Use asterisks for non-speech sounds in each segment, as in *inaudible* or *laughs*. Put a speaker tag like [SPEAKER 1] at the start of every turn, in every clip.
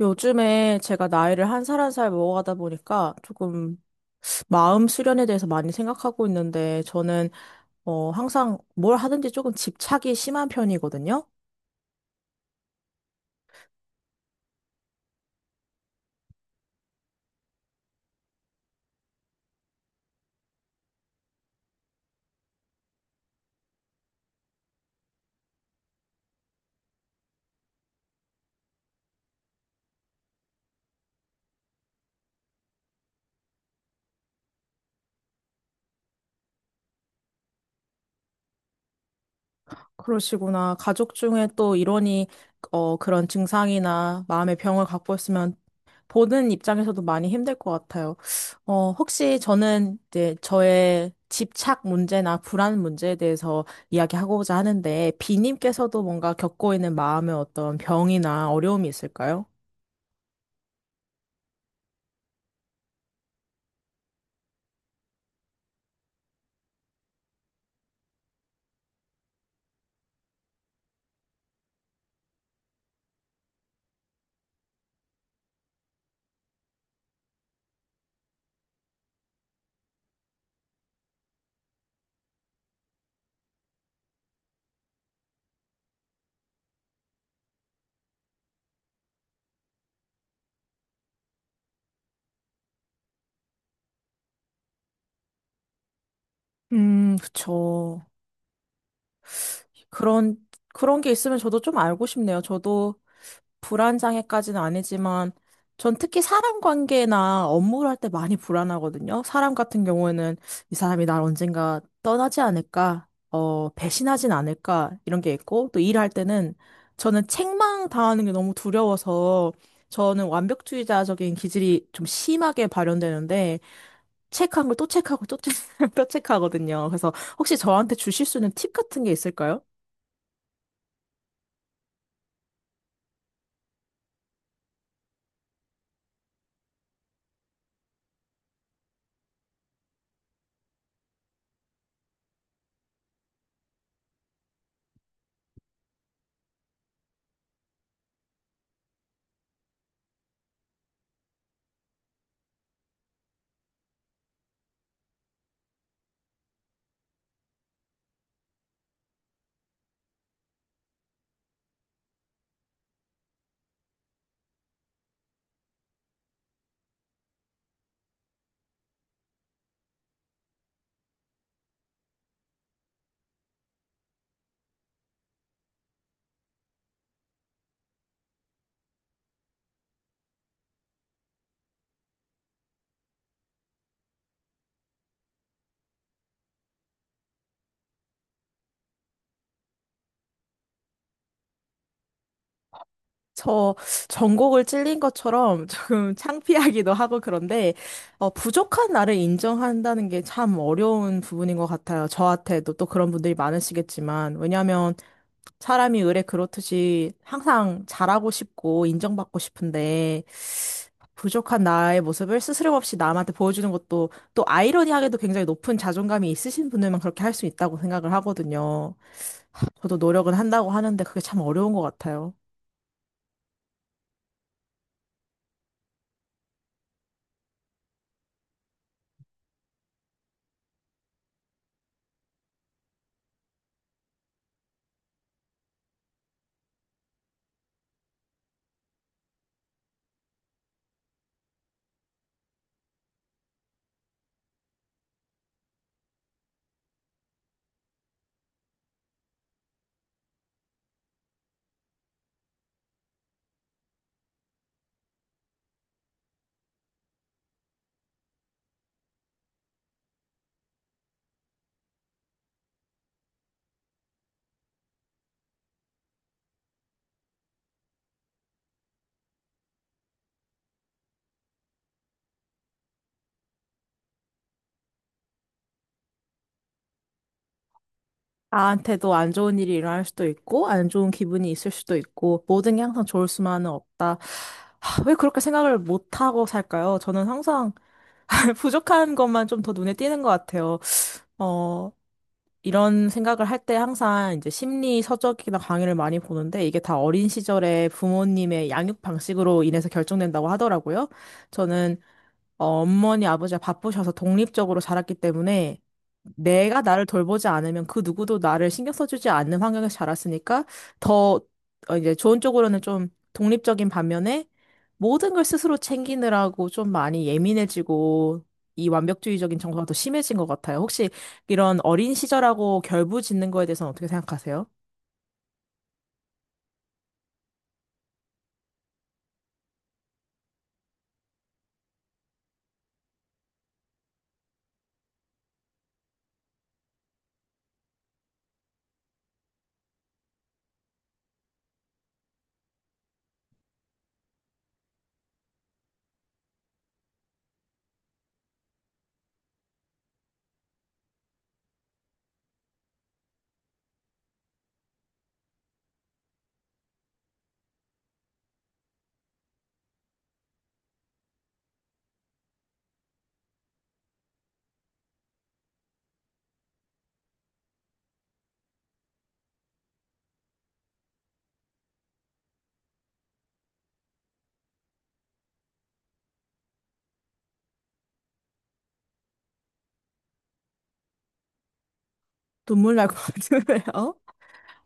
[SPEAKER 1] 요즘에 제가 나이를 한 살 한 살 먹어가다 보니까 조금 마음 수련에 대해서 많이 생각하고 있는데 저는 항상 뭘 하든지 조금 집착이 심한 편이거든요. 그러시구나. 가족 중에 또 일원이 그런 증상이나 마음의 병을 갖고 있으면 보는 입장에서도 많이 힘들 것 같아요. 혹시 저는 이제 저의 집착 문제나 불안 문제에 대해서 이야기하고자 하는데, 비님께서도 뭔가 겪고 있는 마음의 어떤 병이나 어려움이 있을까요? 그쵸. 그런, 그런 게 있으면 저도 좀 알고 싶네요. 저도 불안장애까지는 아니지만 전 특히 사람 관계나 업무를 할 때 많이 불안하거든요. 사람 같은 경우에는 이 사람이 날 언젠가 떠나지 않을까, 배신하진 않을까 이런 게 있고 또 일할 때는 저는 책망 당하는 게 너무 두려워서 저는 완벽주의자적인 기질이 좀 심하게 발현되는데 책한 걸 또 책하고 *laughs* 또 책하거든요. 그래서 혹시 저한테 주실 수 있는 팁 같은 게 있을까요? 저 전곡을 찔린 것처럼 조금 *laughs* 창피하기도 하고 그런데 부족한 나를 인정한다는 게 참 어려운 부분인 것 같아요. 저한테도 또 그런 분들이 많으시겠지만 왜냐하면 사람이 의례 그렇듯이 항상 잘하고 싶고 인정받고 싶은데 부족한 나의 모습을 스스럼없이 남한테 보여주는 것도 또 아이러니하게도 굉장히 높은 자존감이 있으신 분들만 그렇게 할 수 있다고 생각을 하거든요. 저도 노력은 한다고 하는데 그게 참 어려운 것 같아요. 나한테도 안 좋은 일이 일어날 수도 있고, 안 좋은 기분이 있을 수도 있고, 모든 게 항상 좋을 수만은 없다. 하, 왜 그렇게 생각을 못하고 살까요? 저는 항상 *laughs* 부족한 것만 좀 더 눈에 띄는 것 같아요. 어, 이런 생각을 할 때 항상 이제 심리 서적이나 강의를 많이 보는데, 이게 다 어린 시절에 부모님의 양육 방식으로 인해서 결정된다고 하더라고요. 저는 어머니, 아버지가 바쁘셔서 독립적으로 자랐기 때문에 내가 나를 돌보지 않으면 그 누구도 나를 신경 써주지 않는 환경에서 자랐으니까 더 이제 좋은 쪽으로는 좀 독립적인 반면에 모든 걸 스스로 챙기느라고 좀 많이 예민해지고 이 완벽주의적인 정서가 더 심해진 것 같아요. 혹시 이런 어린 시절하고 결부짓는 거에 대해서는 어떻게 생각하세요? 눈물 날 것 같은데요?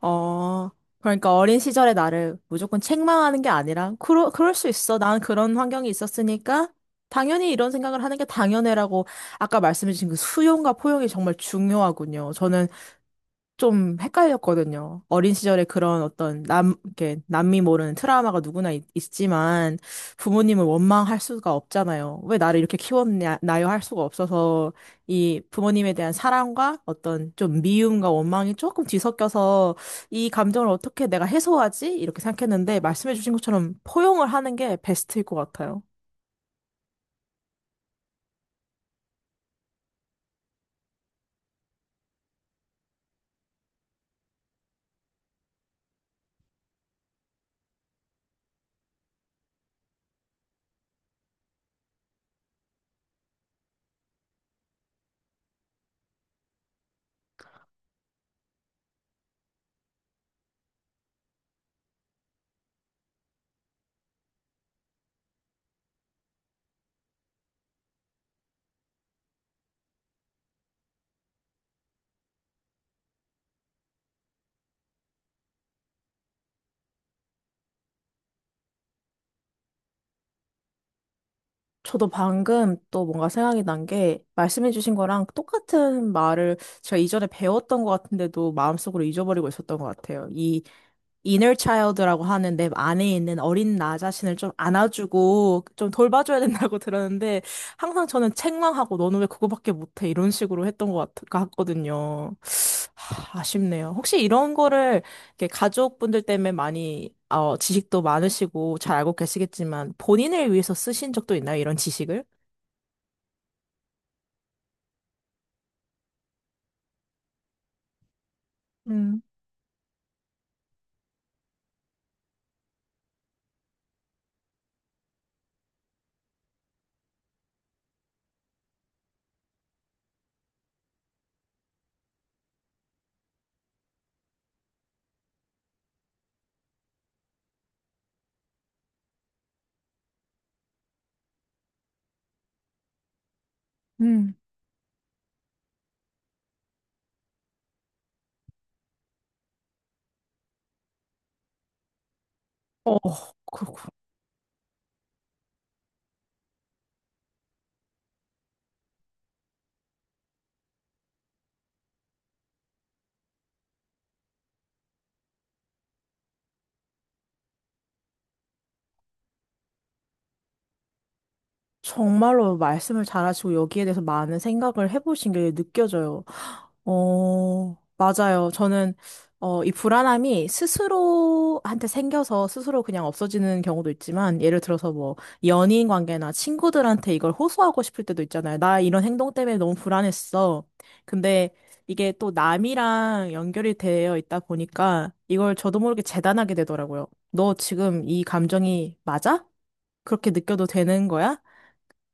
[SPEAKER 1] 어, 그러니까 어린 시절의 나를 무조건 책망하는 게 아니라, 그럴 수 있어. 난 그런 환경이 있었으니까, 당연히 이런 생각을 하는 게 당연해라고 아까 말씀해주신 그 수용과 포용이 정말 중요하군요. 저는 좀 헷갈렸거든요. 어린 시절에 그런 어떤 이렇게 남미 모르는 트라우마가 누구나 있, 지만 부모님을 원망할 수가 없잖아요. 왜 나를 이렇게 키웠나요? 할 수가 없어서 이 부모님에 대한 사랑과 어떤 좀 미움과 원망이 조금 뒤섞여서 이 감정을 어떻게 내가 해소하지? 이렇게 생각했는데 말씀해주신 것처럼 포용을 하는 게 베스트일 것 같아요. 저도 방금 또 뭔가 생각이 난 게 말씀해주신 거랑 똑같은 말을 제가 이전에 배웠던 것 같은데도 마음속으로 잊어버리고 있었던 것 같아요. 이 inner child라고 하는 내 안에 있는 어린 나 자신을 좀 안아주고 좀 돌봐줘야 된다고 *laughs* 들었는데 항상 저는 책망하고 너는 왜 그거밖에 못해 이런 식으로 했던 같거든요. 하, 아쉽네요. 혹시 이런 거를 이렇게 가족분들 때문에 많이 지식도 많으시고 잘 알고 계시겠지만 본인을 위해서 쓰신 적도 있나요? 이런 지식을? 음, 음. 어, 그렇군. 정말로 말씀을 잘하시고 여기에 대해서 많은 생각을 해보신 게 느껴져요. 어, 맞아요. 이 불안함이 스스로한테 생겨서 스스로 그냥 없어지는 경우도 있지만, 예를 들어서 연인 관계나 친구들한테 이걸 호소하고 싶을 때도 있잖아요. 나 이런 행동 때문에 너무 불안했어. 근데 이게 또 남이랑 연결이 되어 있다 보니까, 이걸 저도 모르게 재단하게 되더라고요. 너 지금 이 감정이 맞아? 그렇게 느껴도 되는 거야?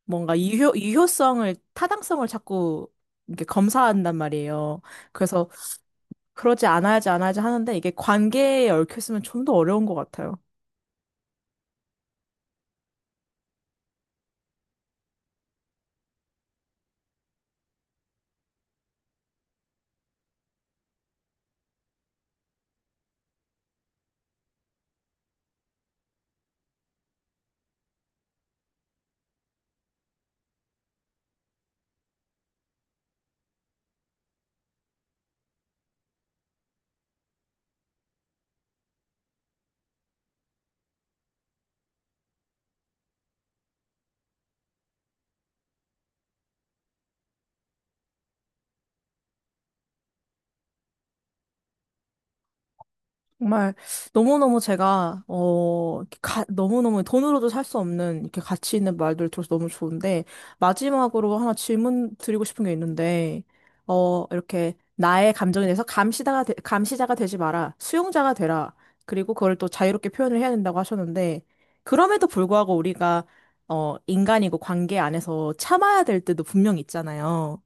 [SPEAKER 1] 뭔가 유효성을, 타당성을 자꾸 이렇게 검사한단 말이에요. 그래서 않아야지 하는데 이게 관계에 얽혀있으면 좀 더 어려운 것 같아요. 정말 너무너무 제가 너무너무 돈으로도 살 수 없는 이렇게 가치 있는 말들 을 들어서 너무 좋은데 마지막으로 하나 질문 드리고 싶은 게 있는데 이렇게 나의 감정에 대해서 감시자가 되지 마라 수용자가 되라. 그리고 그걸 또 자유롭게 표현을 해야 된다고 하셨는데 그럼에도 불구하고 우리가 인간이고 관계 안에서 참아야 될 때도 분명히 있잖아요.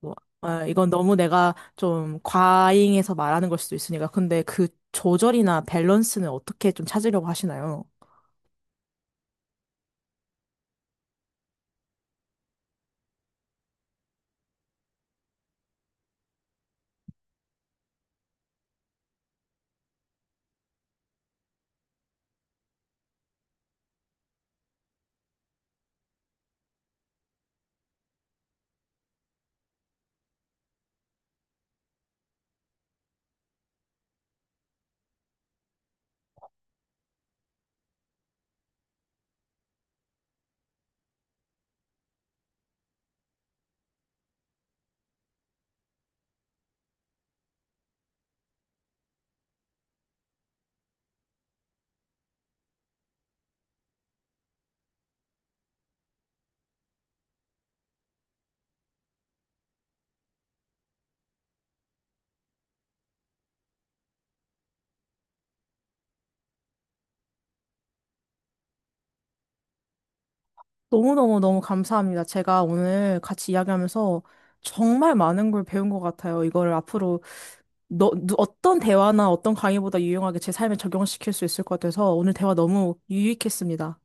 [SPEAKER 1] 뭐, 이건 너무 내가 좀 과잉해서 말하는 걸 수도 있으니까. 근데 그 조절이나 밸런스는 어떻게 좀 찾으려고 하시나요? 너무너무너무 감사합니다. 제가 오늘 같이 이야기하면서 정말 많은 걸 배운 것 같아요. 이거를 앞으로 어떤 대화나 어떤 강의보다 유용하게 제 삶에 적용시킬 수 있을 것 같아서 오늘 대화 너무 유익했습니다.